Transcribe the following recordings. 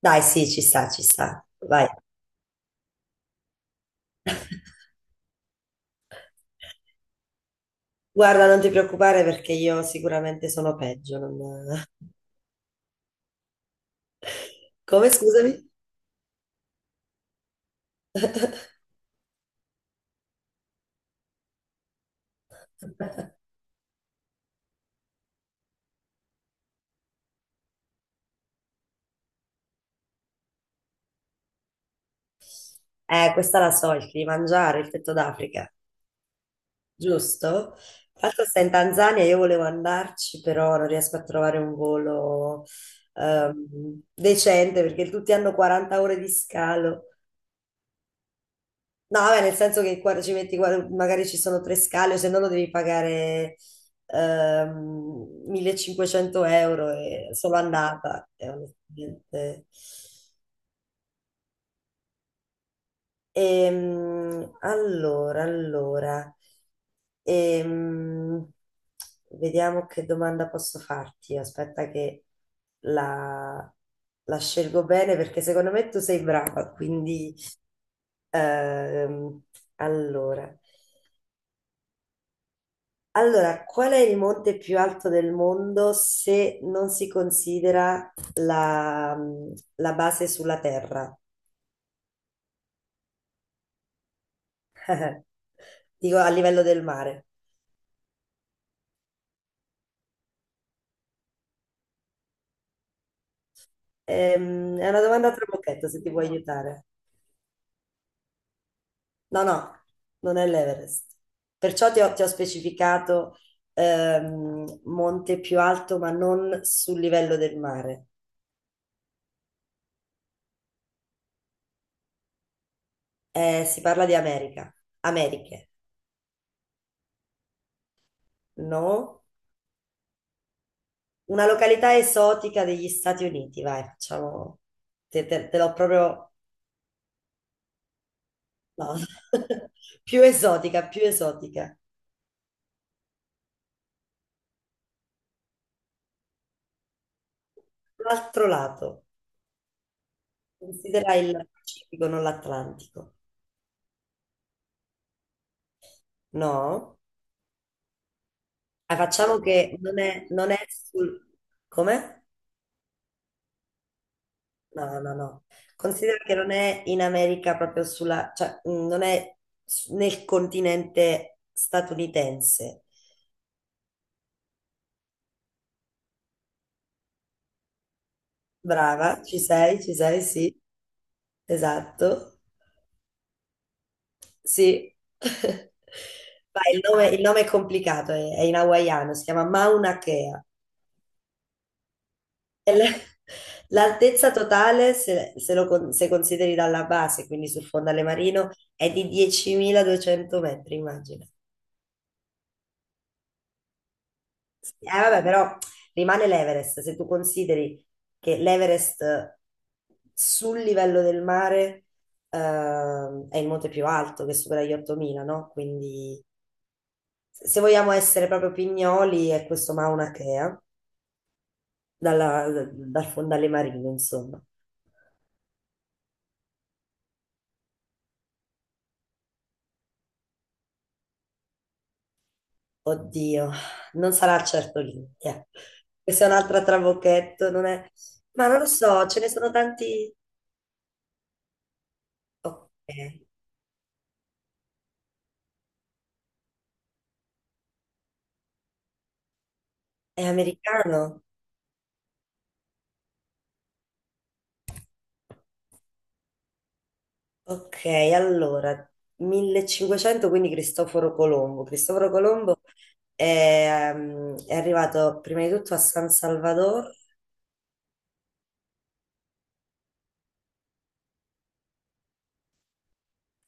Dai, sì, ci sta, ci sta. Vai. Guarda, non ti preoccupare perché io sicuramente sono peggio. Non- Come, scusami? Questa la so, il mangiare, il petto d'Africa, giusto? Tra l'altro sta in Tanzania, io volevo andarci, però non riesco a trovare un volo decente perché tutti hanno 40 ore di scalo. No, vabbè, nel senso che ci metti, magari ci sono tre scale, o se no lo devi pagare 1.500 euro e solo andata. E onestamente- Allora, allora, ehm, vediamo che domanda posso farti. Aspetta che la, la scelgo bene perché secondo me tu sei brava, quindi ehm, allora. Allora, qual è il monte più alto del mondo se non si considera la base sulla terra? Dico a livello del mare. È una domanda a trabocchetto se ti può aiutare. No, no, non è l'Everest. Perciò ti ho specificato monte più alto, ma non sul livello del mare. Si parla di America. Americhe, no? Una località esotica degli Stati Uniti, vai, facciamo. Te l'ho proprio. No. Più esotica, più esotica. L'altro lato. Considera il Pacifico, non l'Atlantico. No? Ah, facciamo che non è sul. Come? No, no, no. Considera che non è in America proprio sulla, cioè non è nel continente statunitense. Brava, ci sei, sì. Esatto. Sì. Vai, il nome è complicato, è in hawaiano, si chiama Mauna Kea. E l- L'altezza totale, se consideri dalla base, quindi sul fondale marino, è di 10.200 metri, immagina. Vabbè, però rimane l'Everest. Se tu consideri che l'Everest sul livello del mare, è il monte più alto, che supera gli 8.000, no? Quindi se vogliamo essere proprio pignoli, è questo Maunakea, dal fondale marino, insomma. Oddio, non sarà certo l'India. Questa è un'altra trabocchetto, non è. Ma non lo so, ce ne sono tanti. Ok, è americano? Ok, allora, 1500, quindi Cristoforo Colombo. Cristoforo Colombo è, è arrivato prima di tutto a San Salvador,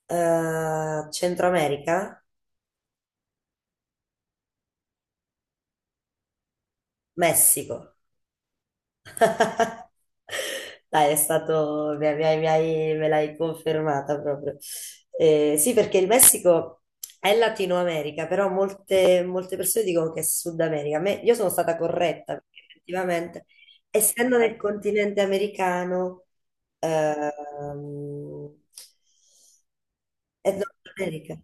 Centro America, Messico. Dai, è stato, me l'hai confermata proprio. Sì, perché il Messico è Latino America, però molte, molte persone dicono che è Sud America. Io sono stata corretta, perché effettivamente, essendo nel continente americano, ehm, è Nord America.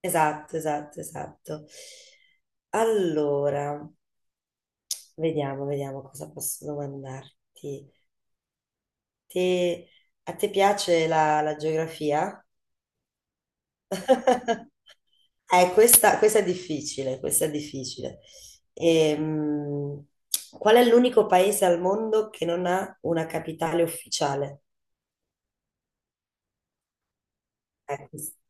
Esatto, esatto, esatto. Allora, vediamo, vediamo cosa posso domandarti. Ti- A te piace la geografia? Questa è difficile, questa è difficile. Ehm, Qual è l'unico paese al mondo che non ha una capitale ufficiale? Eh, questa-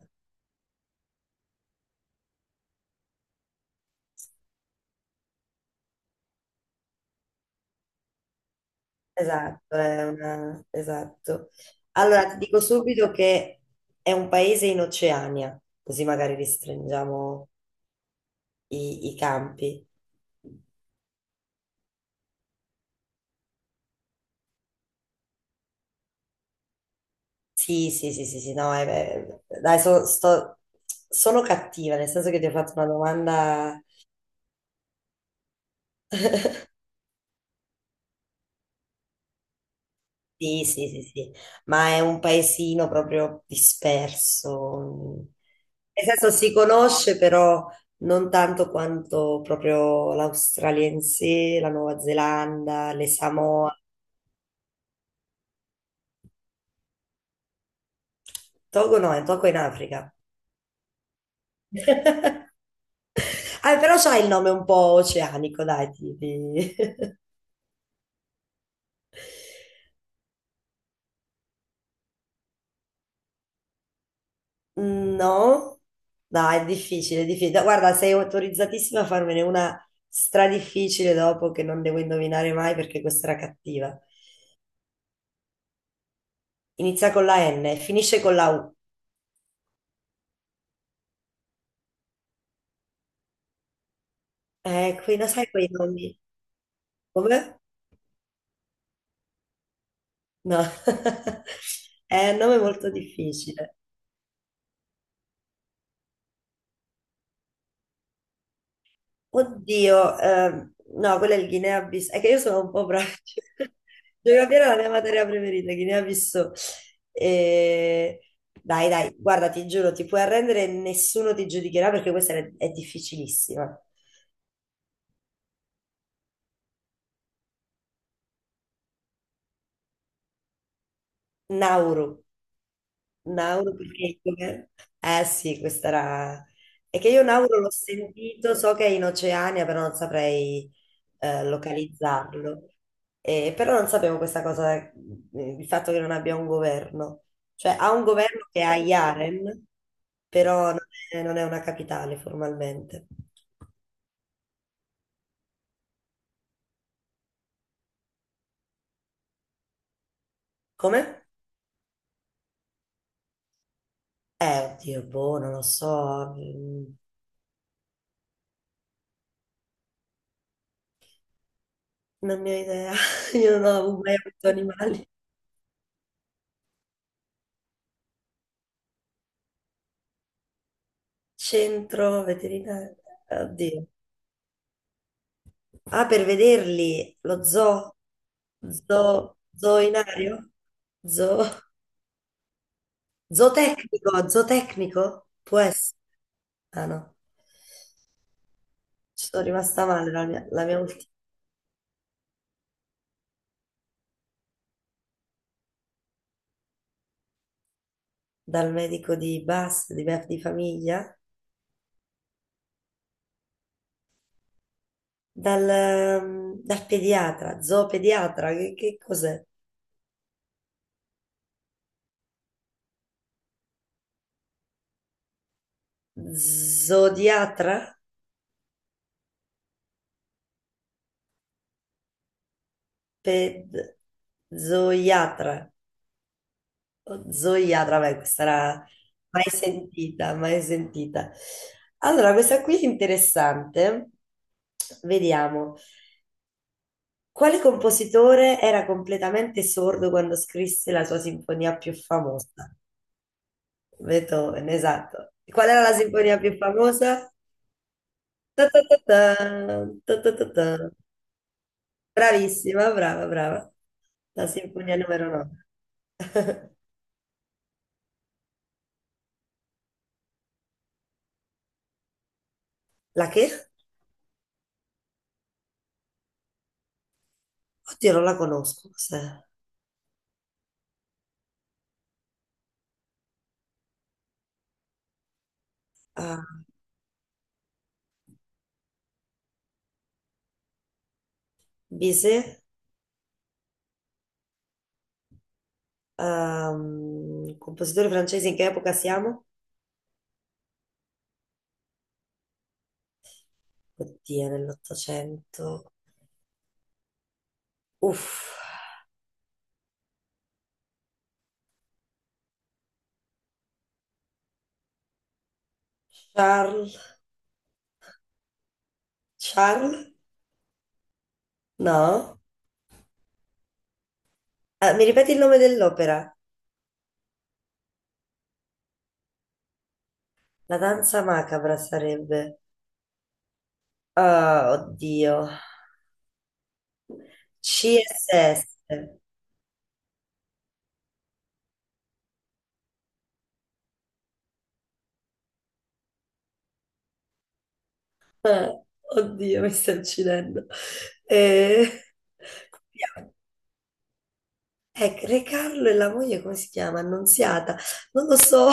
esatto, è esatto. Allora, ti dico subito che è un paese in Oceania, così magari restringiamo i campi. Sì, sì, sì, sì, sì, no, beh, dai, sono cattiva, nel senso che ti ho fatto una domanda, sì, sì, sì, sì, ma è un paesino proprio disperso, nel senso si conosce però non tanto quanto proprio l'australiense, la Nuova Zelanda, le Samoa, Togo no, è Togo è in Africa. Ah, però c'ha il nome un po' oceanico, dai, tipi. No, dai, è difficile, è difficile. Guarda, sei autorizzatissima a farmene una stradifficile dopo che non devo indovinare mai perché questa era cattiva. Inizia con la N, e finisce con la U. Qui non sai quei nomi. Come? No. È un nome molto difficile. Oddio, no, quella è il Guinea-Bissau. È che io sono un po' brava. Geografia era la mia materia preferita, Guinea-Bissau. E- Dai, dai, guarda, ti giuro, ti puoi arrendere, e nessuno ti giudicherà perché questa è difficilissima. Nauru. Nauro perché eh sì, questa era. È che io Nauro l'ho sentito, so che è in Oceania, però non saprei localizzarlo. Però non sapevo questa cosa, il fatto che non abbia un governo. Cioè ha un governo che ha Yaren, però non è una capitale formalmente. Come? Oddio, boh, non lo so, non ne ho idea. Io non ho mai avuto animali. Centro veterinario, oddio. Ah, per vederli, lo zoo, zoo, zoinario, zoo, zootecnico, zootecnico, può essere. Ah no, ci sono rimasta male la mia ultima, dal medico di base, di famiglia, dal pediatra, zoopediatra, che cos'è? Zodiatra? Ped. Zoiatra. Oh, Zoiatra, beh, questa era mai sentita, mai sentita. Allora, questa qui è interessante. Vediamo. Quale compositore era completamente sordo quando scrisse la sua sinfonia più famosa? Beethoven, esatto. Qual era la sinfonia più famosa? Ta ta ta ta, ta ta ta ta. Bravissima, brava, brava. La sinfonia numero 9. La che? Oddio, non la conosco. Cos'è? Ah, Bizet? Compositore francese, in che epoca siamo? Oddio, nell'Ottocento. Uff, Charles, Charles? No? Mi ripeti il nome dell'opera? La danza macabra sarebbe. Ah, oddio. CSS. Eh, oddio, mi sto uccidendo. Eh, come si chiama? Re Carlo e la moglie, come si chiama? Annunziata. Non lo so.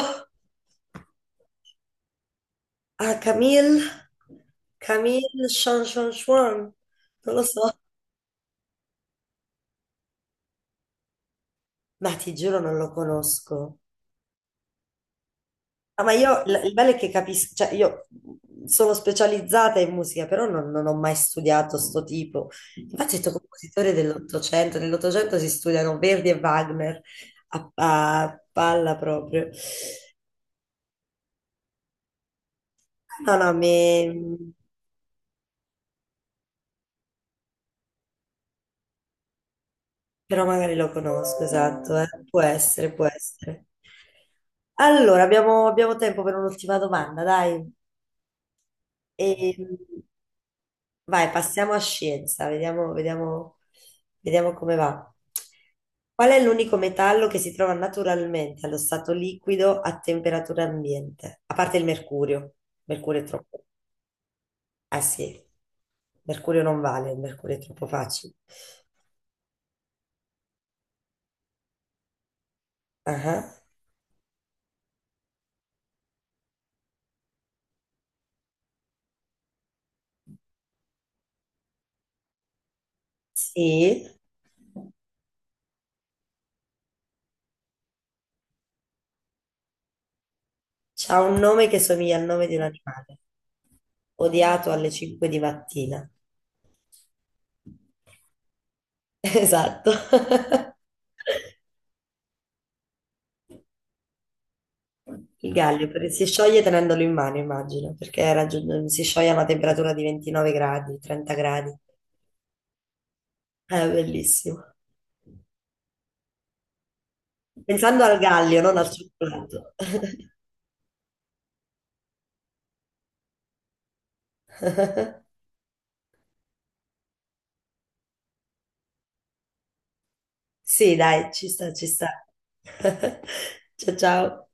Ah, Camille, Camille Sean Sean Sean, non lo so, ma ti giuro non lo conosco. Ah, ma io, il bello è che capisco, cioè io sono specializzata in musica, però non ho mai studiato sto tipo. Infatti ho detto compositore dell'Ottocento, nell'Ottocento si studiano Verdi e Wagner a palla proprio. Ah, no, no, però magari lo conosco, esatto, eh. Può essere, può essere. Allora, abbiamo tempo per un'ultima domanda, dai. E, vai, passiamo a scienza, vediamo, vediamo, vediamo come va. Qual è l'unico metallo che si trova naturalmente allo stato liquido a temperatura ambiente? A parte il mercurio. Mercurio è troppo. Ah sì, mercurio non vale, il mercurio è troppo facile. Ah, sì. C'ha un nome che somiglia al nome di un animale, odiato alle 5 di mattina. Esatto. Il gallio perché si scioglie tenendolo in mano, immagino, perché si scioglie a una temperatura di 29 gradi, 30 gradi. È bellissimo. Pensando al gallio, non al cioccolato. Sì, dai, ci sta, ci sta. Ciao, ciao.